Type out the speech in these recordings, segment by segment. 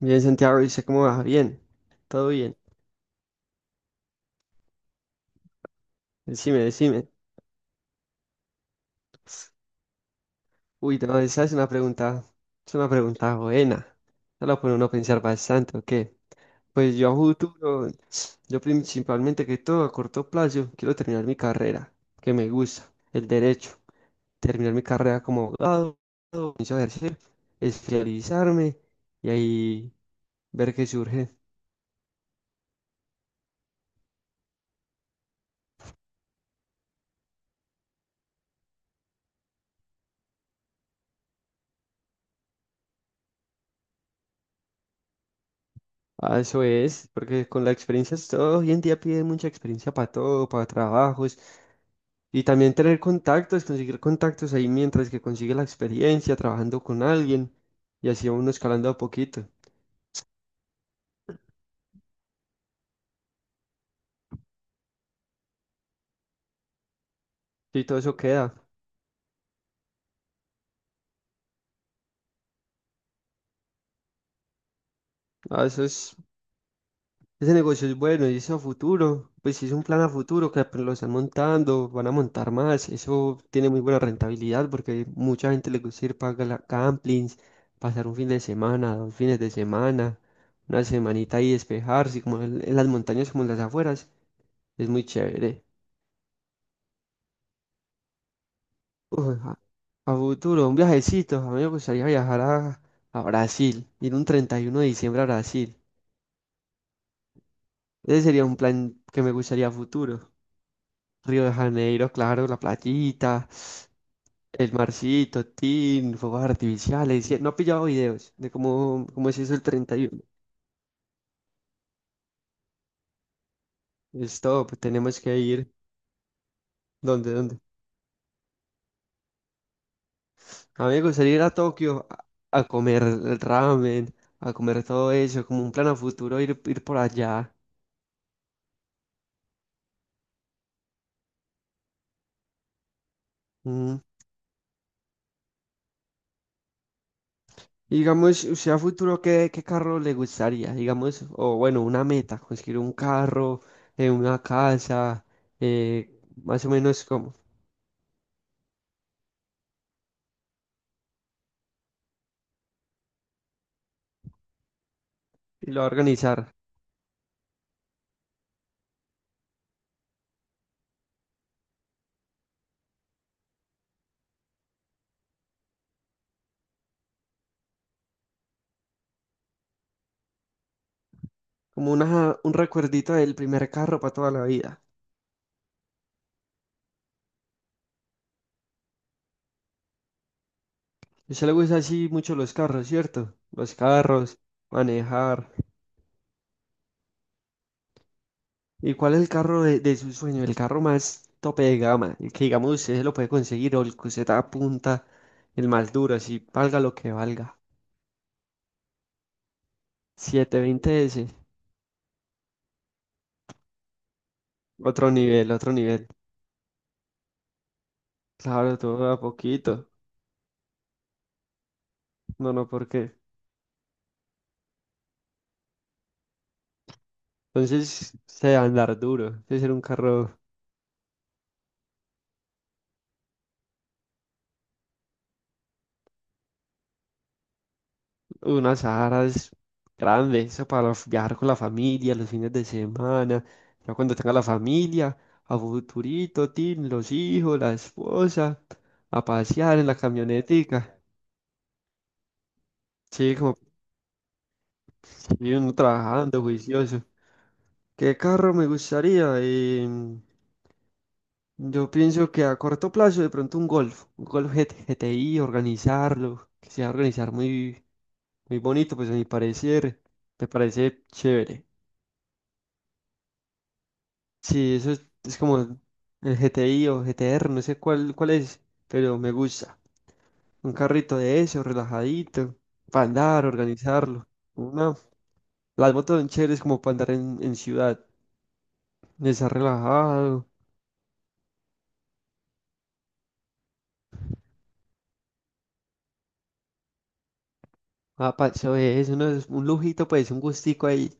Bien, Santiago, dice cómo va. Bien, todo bien. Decime, decime. Uy, no, esa es una pregunta buena. No la pone uno a pensar bastante, ¿o qué? Pues yo a futuro, yo principalmente que todo a corto plazo, quiero terminar mi carrera, que me gusta, el derecho. Terminar mi carrera como abogado, comienzo a ejercer, especializarme y ahí ver qué surge. Ah, eso es, porque con la experiencia, es todo hoy en día pide mucha experiencia para todo, para trabajos. Y también tener contactos, conseguir contactos ahí mientras que consigue la experiencia trabajando con alguien y así uno escalando a poquito. Y todo eso queda. Ah, eso es, ese negocio es bueno y eso a futuro, pues si es un plan a futuro que apenas lo están montando, van a montar más. Eso tiene muy buena rentabilidad porque mucha gente le gusta ir para campings, pasar un fin de semana, dos fines de semana, una semanita ahí despejarse, como en las montañas, como en las afueras. Es muy chévere. Uy, a futuro, un viajecito. A mí me gustaría viajar a Brasil, ir un 31 de diciembre a Brasil. Ese sería un plan que me gustaría a futuro. Río de Janeiro, claro, la playita, el marcito, tin, fuegos artificiales. No he pillado videos de cómo es eso el 31. Stop, tenemos que ir. ¿Dónde, dónde? A mí me gustaría ir a Tokio a comer el ramen, a comer todo eso, como un plan a futuro, ir por allá. Mm. Y digamos, usted a futuro, ¿qué carro le gustaría? Digamos, o bueno, una meta, conseguir un carro, una casa, eh, más o menos como, y lo va a organizar, como una, un recuerdito del primer carro para toda la vida. A usted le gusta así mucho los carros, ¿cierto? Los carros, manejar. ¿Y cuál es el carro de su sueño? El carro más tope de gama, el que digamos usted se lo puede conseguir o el que usted apunta, el más duro, así valga lo que valga. 720S. Otro nivel, otro nivel. Claro, todo a poquito. No, no, ¿por qué? Entonces, se debe andar duro. Debe ser un carro, unas Sahara grandes. Eso para viajar con la familia los fines de semana. Ya cuando tenga la familia, a futurito, tin, los hijos, la esposa, a pasear en la camionetica. Sí, como sí, uno trabajando, juicioso. ¿Qué carro me gustaría? Yo pienso que a corto plazo de pronto un golf GT GTI, organizarlo, que sea organizar muy, muy bonito, pues a mi parecer, me parece chévere. Sí, eso es como el GTI o GTR, no sé cuál es, pero me gusta. Un carrito de eso, relajadito, para andar, organizarlo. Una, las motos son chéveres como para andar en ciudad, estar relajado, a paseo de eso, ¿no? Es un lujito, pues, un gustico ahí.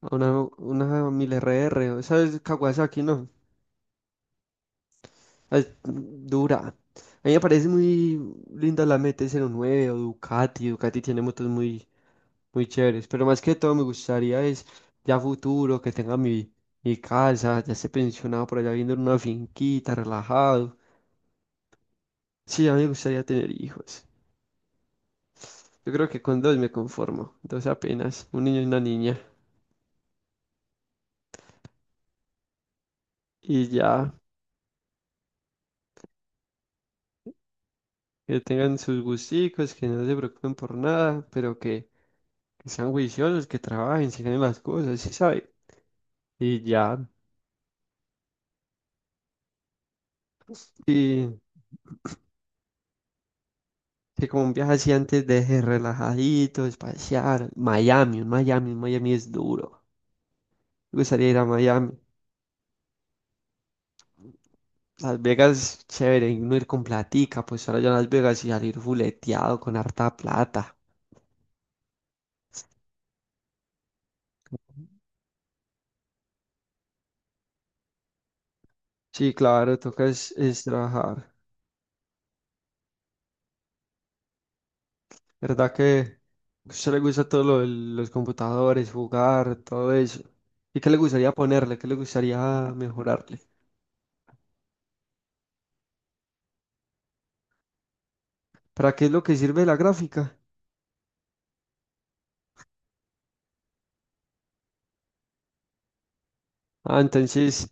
Una 1000RR, ¿sabes? Kawasaki, ¿no? Es dura. A mí me parece muy linda la MT-09 o Ducati. Ducati tiene motos muy, muy chéveres. Pero más que todo me gustaría es ya futuro, que tenga mi casa, ya esté pensionado por allá viendo en una finquita, relajado. Sí, a mí me gustaría tener hijos. Yo creo que con dos me conformo. Dos apenas, un niño y una niña. Y ya, que tengan sus gusticos, que no se preocupen por nada, pero que sean juiciosos, que trabajen, se ganen las cosas, sí sabe. Y ya, y que como un viaje así antes deje relajadito, espaciar. Miami, un Miami es duro. Me gustaría ir a Miami. Las Vegas, chévere, y uno ir con platica, pues ahora ya Las Vegas y salir fuleteado con harta plata. Sí, claro, toca es trabajar. ¿Verdad que a usted le gusta todo lo de los computadores, jugar, todo eso? ¿Y qué le gustaría ponerle? ¿Qué le gustaría mejorar? ¿Para qué es lo que sirve la gráfica? Ah, entonces,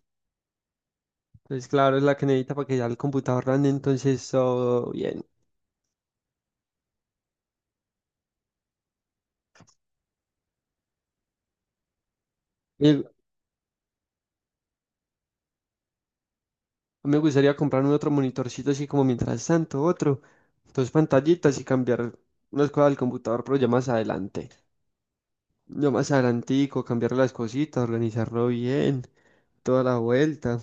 pues claro, es la que necesita para que ya el computador ande, entonces todo bien. Y me gustaría comprarme otro monitorcito así como mientras tanto, otro, dos pantallitas y cambiar unas cosas del computador, pero ya más adelante. Ya más adelantico, cambiar las cositas, organizarlo bien, toda la vuelta.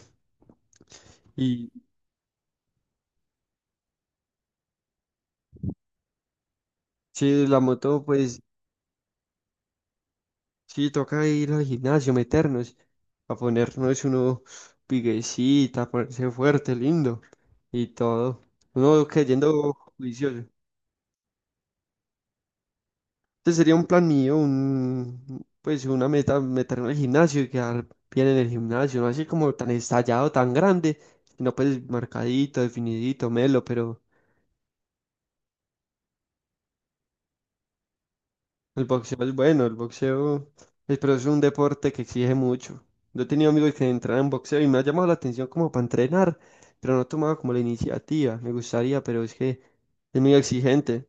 Y si la moto, pues sí, toca ir al gimnasio, meternos, a ponernos uno piguecita, a ponerse fuerte, lindo y todo. Uno creyendo juicioso. Este sería un plan mío, pues una meta, meterme al gimnasio y quedar bien en el gimnasio, no así como tan estallado, tan grande, sino pues marcadito, definidito, melo, pero el boxeo es bueno, el boxeo, pero es un deporte que exige mucho. Yo he tenido amigos que entran en boxeo y me ha llamado la atención como para entrenar, pero no he tomado como la iniciativa. Me gustaría, pero es que es muy exigente.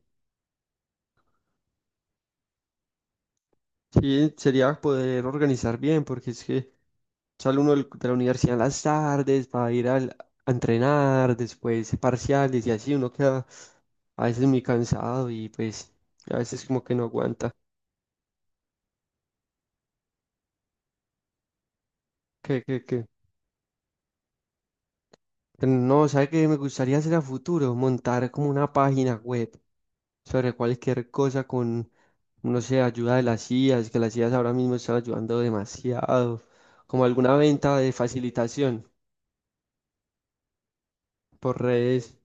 Sí, sería poder organizar bien, porque es que sale uno de la universidad en las tardes para ir a entrenar, después parciales y así, uno queda a veces muy cansado y pues a veces como que no aguanta. ¿Qué? No, ¿sabe qué me gustaría hacer a futuro? Montar como una página web sobre cualquier cosa con, no sé, ayuda de las IAs, que las IAs ahora mismo están ayudando demasiado, como alguna venta de facilitación por redes,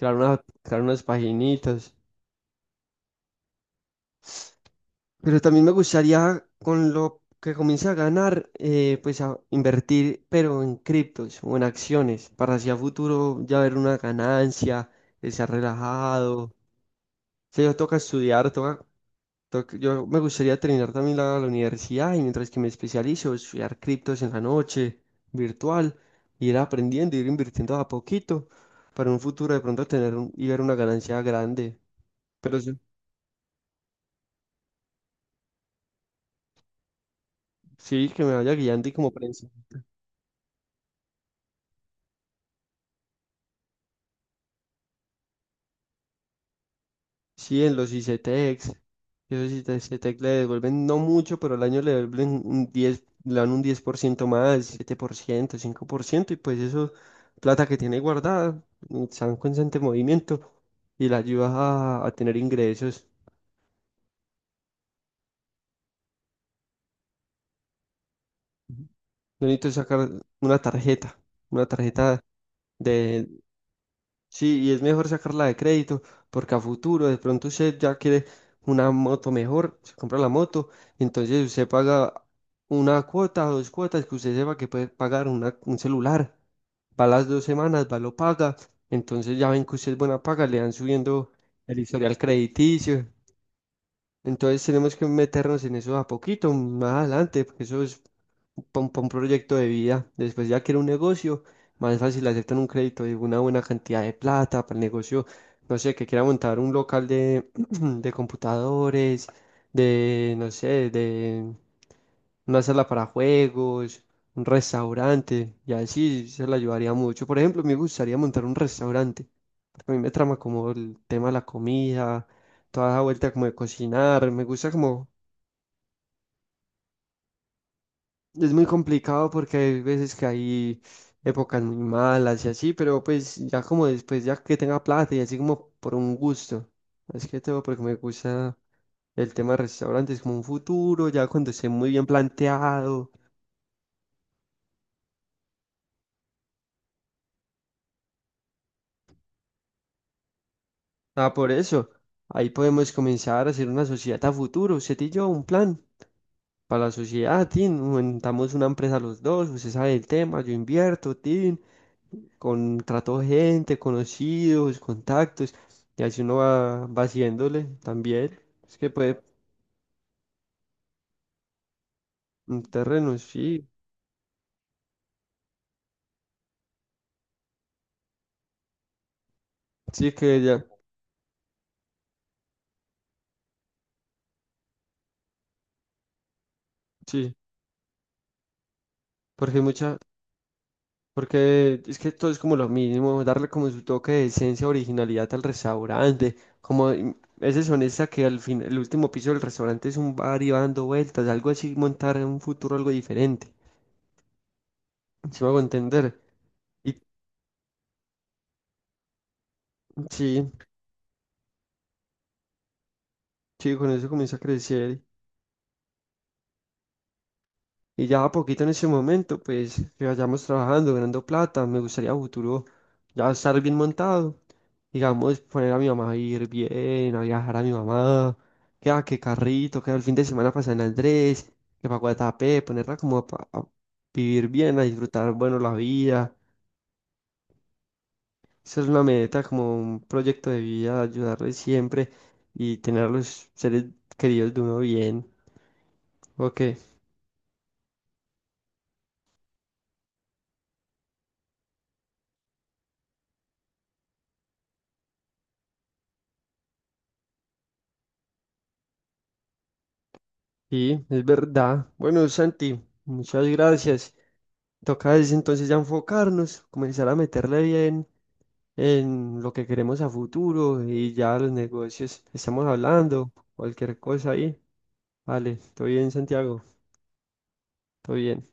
crear unas paginitas. Pero también me gustaría, con lo que comience a ganar, pues a invertir, pero en criptos o en acciones, para hacia futuro ya ver una ganancia, estar relajado. O sea, toca estudiar, yo me gustaría terminar también la universidad y mientras que me especializo, estudiar criptos en la noche, virtual, ir aprendiendo, ir invirtiendo a poquito para un futuro de pronto tener y ver una ganancia grande. Pero sí, sí, que me vaya guiando y como prensa. Sí, en los ICTex. Esos ICTex le devuelven no mucho, pero al año le devuelven un 10, le dan un 10% más, 7%, 5% y pues eso, plata que tiene guardada, está en constante movimiento y la ayuda a tener ingresos. Ujú. Yo necesito sacar una tarjeta, una tarjeta de. Sí, y es mejor sacarla de crédito porque a futuro de pronto usted ya quiere una moto mejor, se compra la moto, entonces usted paga una cuota o dos cuotas que usted sepa que puede pagar un celular, va las dos semanas, va lo paga, entonces ya ven que usted es buena paga, le van subiendo el historial crediticio. Entonces tenemos que meternos en eso a poquito, más adelante, porque eso es para un, pa' un proyecto de vida. Después ya que era un negocio, más fácil aceptan un crédito de una buena cantidad de plata para el negocio, no sé, que quiera montar un local de, de computadores, de, no sé, de una sala para juegos, un restaurante, y así se le ayudaría mucho. Por ejemplo, me gustaría montar un restaurante, porque a mí me trama como el tema de la comida toda esa vuelta como de cocinar, me gusta como, es muy complicado porque hay veces que hay épocas muy malas y así, pero pues ya como después, ya que tenga plata y así como por un gusto, es que todo porque me gusta el tema de restaurantes como un futuro, ya cuando esté muy bien planteado, ah, por eso, ahí podemos comenzar a hacer una sociedad a futuro, usted y yo, un plan. Para la sociedad, tin, montamos una empresa los dos, usted sabe el tema, yo invierto, tin, contrató gente, conocidos, contactos, y así uno va haciéndole también. Es que puede, un terreno, sí, sí que ya, sí, porque hay mucha, porque es que todo es como lo mismo, darle como su toque de esencia, originalidad al restaurante, como mm, ese sonesta que al fin, el último piso del restaurante es un bar y va dando vueltas, algo así, montar en un futuro algo diferente, si me hago entender. Y sí, sí, con eso comienza a crecer. Y ya a poquito en ese momento, pues que vayamos trabajando, ganando plata, me gustaría a futuro ya estar bien montado, digamos, poner a mi mamá a ir bien, a viajar a mi mamá, que a que carrito, que el fin de semana pasar en Andrés, que para Guatapé, ponerla como a, vivir bien, a disfrutar, bueno, la vida. Esa es una meta, como un proyecto de vida, ayudarles siempre y tener a los seres queridos de uno bien. Ok. Sí, es verdad. Bueno, Santi, muchas gracias. Toca es entonces ya enfocarnos, comenzar a meterle bien en lo que queremos a futuro y ya los negocios. Estamos hablando, cualquier cosa ahí. Vale, todo bien, Santiago, todo bien.